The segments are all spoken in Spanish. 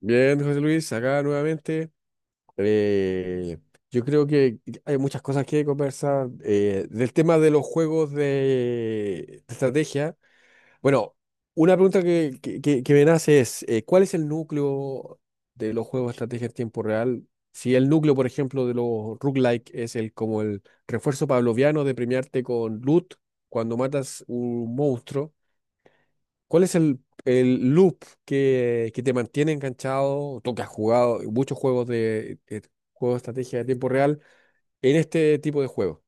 Bien, José Luis, acá nuevamente. Eh, yo creo que hay muchas cosas que conversar del tema de los juegos de estrategia. Bueno, una pregunta que me nace es, ¿cuál es el núcleo de los juegos de estrategia en tiempo real? Si el núcleo, por ejemplo, de los roguelike es el como el refuerzo pavloviano de premiarte con loot cuando matas un monstruo. ¿Cuál es el loop que te mantiene enganchado? Tú que has jugado muchos juegos de estrategia de tiempo real en este tipo de juegos.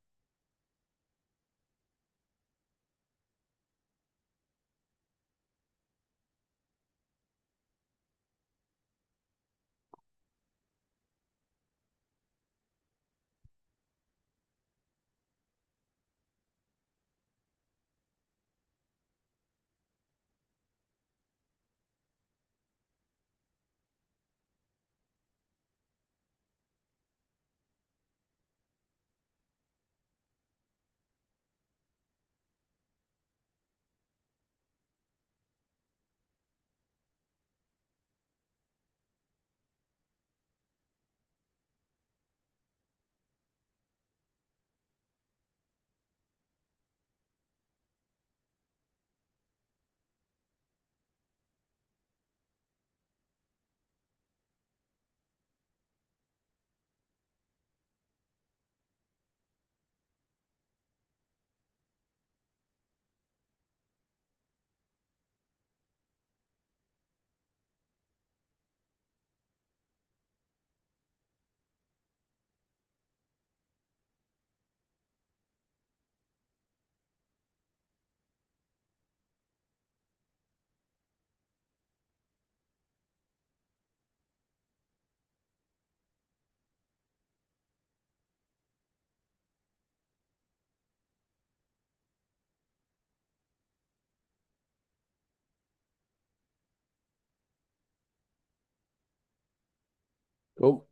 Oh,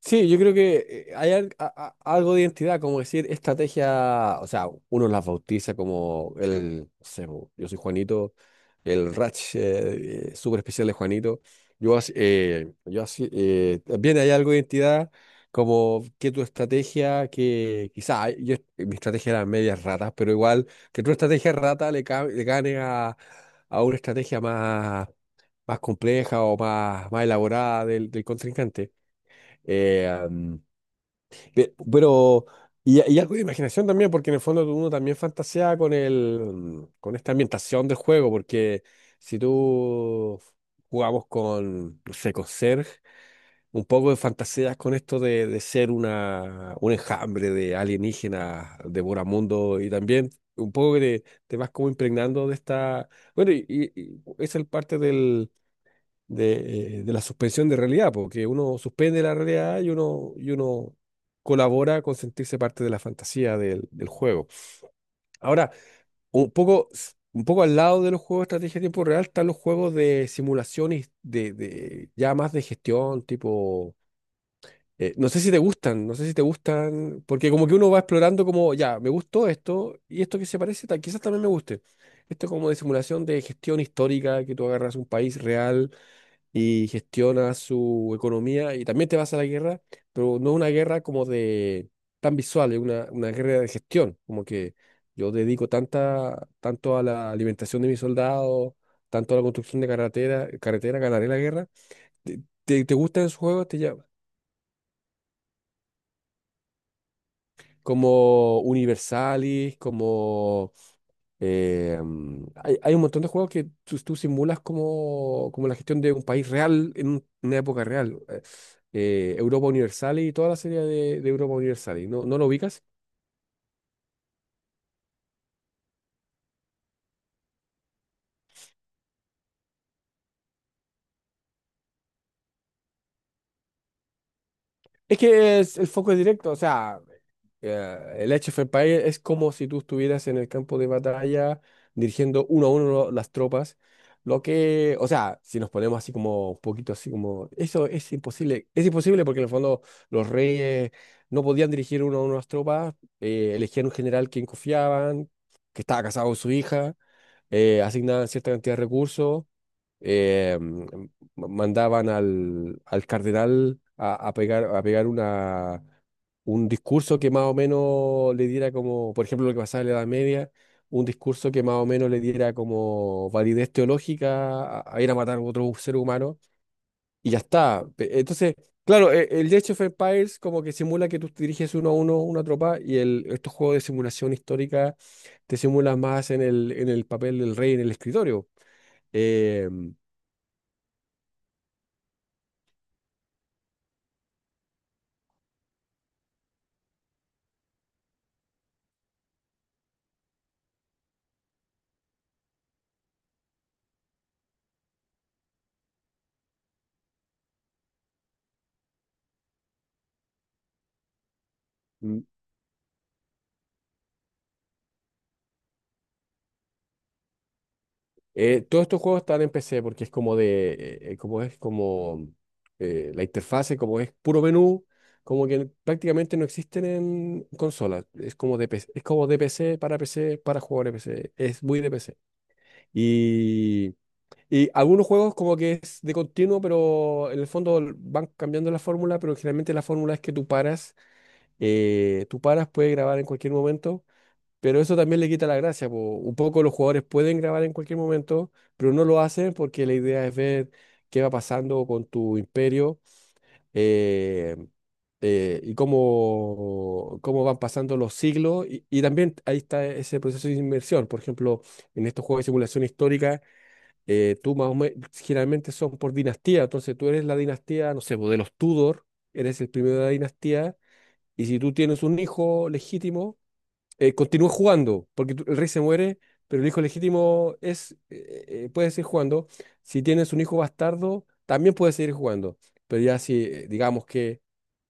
Sí, yo creo que hay algo de identidad, como decir, estrategia, o sea, uno las bautiza como el, no sé, bo, yo soy Juanito el Ratch súper especial de Juanito. Yo así, también hay algo de identidad, como que tu estrategia, que quizá ay, yo, mi estrategia era medias ratas, pero igual que tu estrategia rata le gane a una estrategia más, más compleja o más, más elaborada del, del contrincante. Eh, Pero, y algo de imaginación también, porque en el fondo uno también fantasea con el, con esta ambientación del juego, porque si tú jugamos con, no sé, con Serg, un poco de fantasías con esto de ser una, un enjambre de alienígenas, devoramundo, y también un poco que te vas como impregnando de esta, bueno, y es el parte del de la suspensión de realidad, porque uno suspende la realidad y uno colabora con sentirse parte de la fantasía del, del juego. Ahora, un poco, un poco al lado de los juegos de estrategia de tiempo real están los juegos de simulaciones de- ya más de gestión, tipo... no sé si te gustan, no sé si te gustan, porque como que uno va explorando como, ya, me gustó esto y esto que se parece, quizás también me guste. Esto es como de simulación de gestión histórica, que tú agarras un país real y gestiona su economía y también te vas a la guerra, pero no es una guerra como de tan visual, es una guerra de gestión, como que yo dedico tanto a la alimentación de mis soldados, tanto a la construcción de carretera, ganaré la guerra. ¿Te, te gustan esos juegos? ¿Te llama? Como Universalis, como... hay un montón de juegos que tú simulas como, como la gestión de un país real en una época real. Europa Universalis y toda la serie de Europa Universalis. ¿ no lo ubicas? Es que el foco es directo, o sea... Ya, el Age of Empires es como si tú estuvieras en el campo de batalla dirigiendo uno a uno las tropas. Lo que, o sea, si nos ponemos así como un poquito así como, eso es imposible. Es imposible porque en el fondo los reyes no podían dirigir uno a uno las tropas, elegían un general quien confiaban, que estaba casado con su hija, asignaban cierta cantidad de recursos eh, mandaban al, al cardenal a pegar una, un discurso que más o menos le diera como, por ejemplo, lo que pasaba en la Edad Media, un discurso que más o menos le diera como validez teológica a ir a matar a otro ser humano, y ya está. Entonces, claro, el Age of Empires como que simula que tú diriges uno a uno una tropa, y el, estos juegos de simulación histórica te simulan más en el papel del rey en el escritorio. Em, Todos estos juegos están en PC porque es como de, como es como la interfase, como es puro menú, como que prácticamente no existen en consolas. Es como de PC, es como de PC para PC para jugadores de PC. Es muy de PC. Y, y algunos juegos como que es de continuo, pero en el fondo van cambiando la fórmula, pero generalmente la fórmula es que tú paras, puedes grabar en cualquier momento pero eso también le quita la gracia, po. Un poco los jugadores pueden grabar en cualquier momento, pero no lo hacen porque la idea es ver qué va pasando con tu imperio eh, y cómo, cómo van pasando los siglos. Y también ahí está ese proceso de inmersión. Por ejemplo, en estos juegos de simulación histórica, tú más o menos, generalmente son por dinastía. Entonces tú eres la dinastía, no sé, po, de los Tudor, eres el primero de la dinastía. Y si tú tienes un hijo legítimo, continúa jugando, porque el rey se muere, pero el hijo legítimo es, puede seguir jugando. Si tienes un hijo bastardo, también puede seguir jugando. Pero ya si, digamos que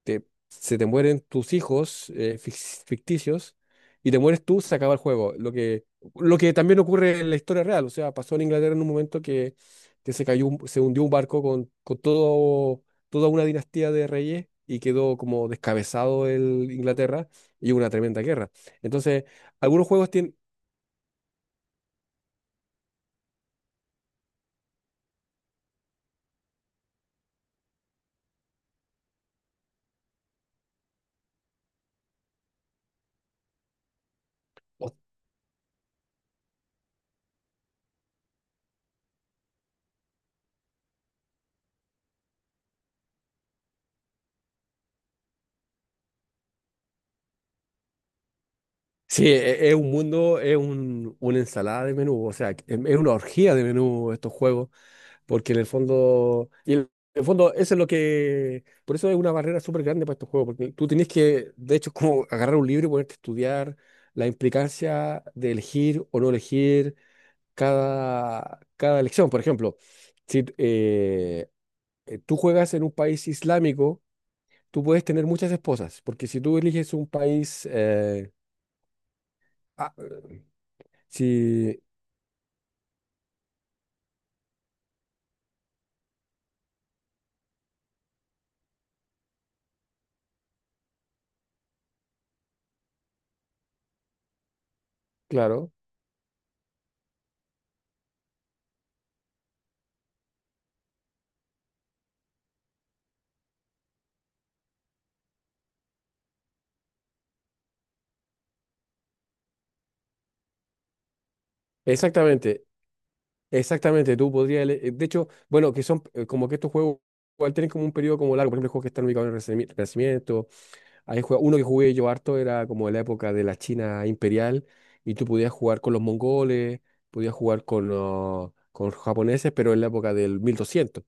te- se te mueren tus hijos ficticios y te mueres tú, se acaba el juego. Lo que también ocurre en la historia real. O sea, pasó en Inglaterra en un momento que se cayó, se hundió un barco con todo, toda una dinastía de reyes y quedó como descabezado el Inglaterra y hubo una tremenda guerra. Entonces, algunos juegos tienen... o- Sí, es un mundo, es un, una ensalada de menú, o sea, es una orgía de menú estos juegos. Porque en el fondo, y en el fondo eso es lo que, por eso es una barrera súper grande para estos juegos, porque tú tienes que, de hecho, es como agarrar un libro y ponerte a estudiar la implicancia de elegir o no elegir cada, cada elección. Por ejemplo, si tú juegas en un país islámico, tú puedes tener muchas esposas, porque si tú eliges un país, ah, eh, si, claro, exactamente. Exactamente, tú podrías... De hecho, bueno, que son como que estos juegos igual tienen como un periodo como largo. Por ejemplo, juegos que están ubicados en el Renacimiento. Hay uno que jugué yo harto era como de la época de la China imperial y tú podías jugar con los mongoles, podías jugar con los japoneses, pero en la época del 1200.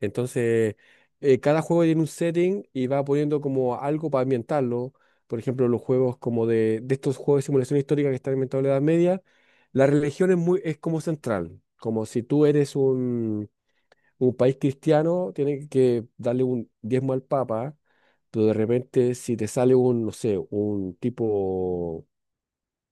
Entonces, cada juego tiene un setting y va poniendo como algo para ambientarlo. Por ejemplo, los juegos como de estos juegos de simulación histórica que están inventados en la Edad Media, la religión es muy, es como central. Como si tú eres un país cristiano, tienes que darle un diezmo al Papa, pero de repente si te sale un, no sé, un tipo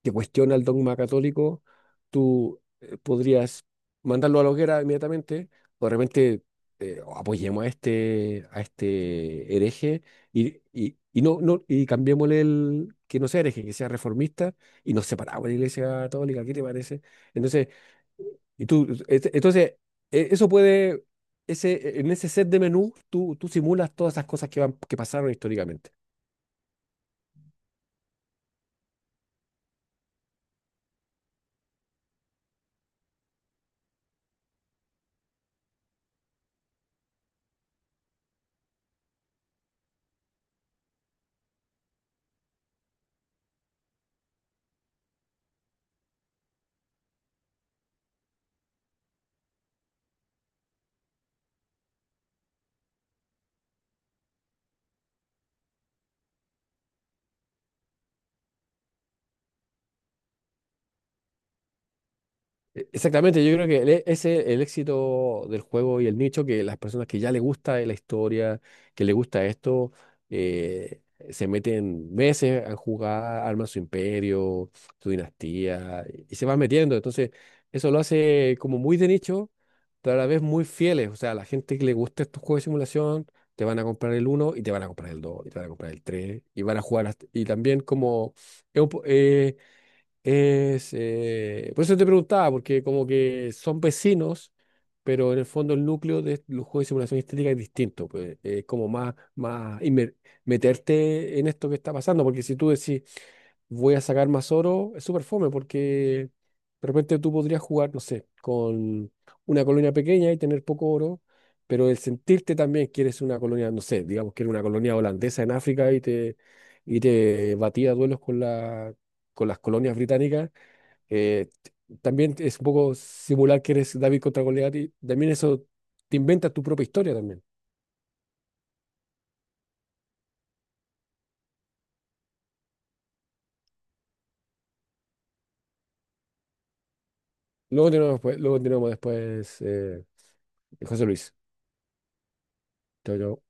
que cuestiona el dogma católico, tú podrías mandarlo a la hoguera inmediatamente, o de repente apoyemos a este hereje y no, no, y cambiémosle el que no sea hereje, que sea reformista, y nos separamos de la Iglesia Católica, ¿qué te parece? Entonces, entonces, eso puede, ese, en ese set de menú, tú simulas todas esas cosas que van, que pasaron históricamente. Exactamente, yo creo que ese es el éxito del juego y el nicho, que las personas que ya les gusta la historia, que les gusta esto, eh, se meten meses a jugar, arman su imperio, su dinastía, y se van metiendo. Entonces, eso lo hace como muy de nicho, pero a la vez muy fieles. O sea, a la gente que le gusta estos juegos de simulación, te van a comprar el uno y te van a comprar el 2 y te van a comprar el 3 y van a jugar hasta... Y también como... Es, por eso te preguntaba, porque como que son vecinos, pero en el fondo el núcleo de los juegos de simulación estética es distinto, pues, es como más, más meterte en esto que está pasando, porque si tú decís, voy a sacar más oro, es súper fome porque de repente tú podrías jugar, no sé, con una colonia pequeña y tener poco oro, pero el sentirte también que eres una colonia, no sé, digamos que eres una colonia holandesa en África y te batía a duelos con la, con las colonias británicas, eh, t- también es un poco simular que eres David contra Goliat y también eso te inventas tu propia historia también. Luego continuamos, pues, luego continuamos después, José Luis. Chao, chao.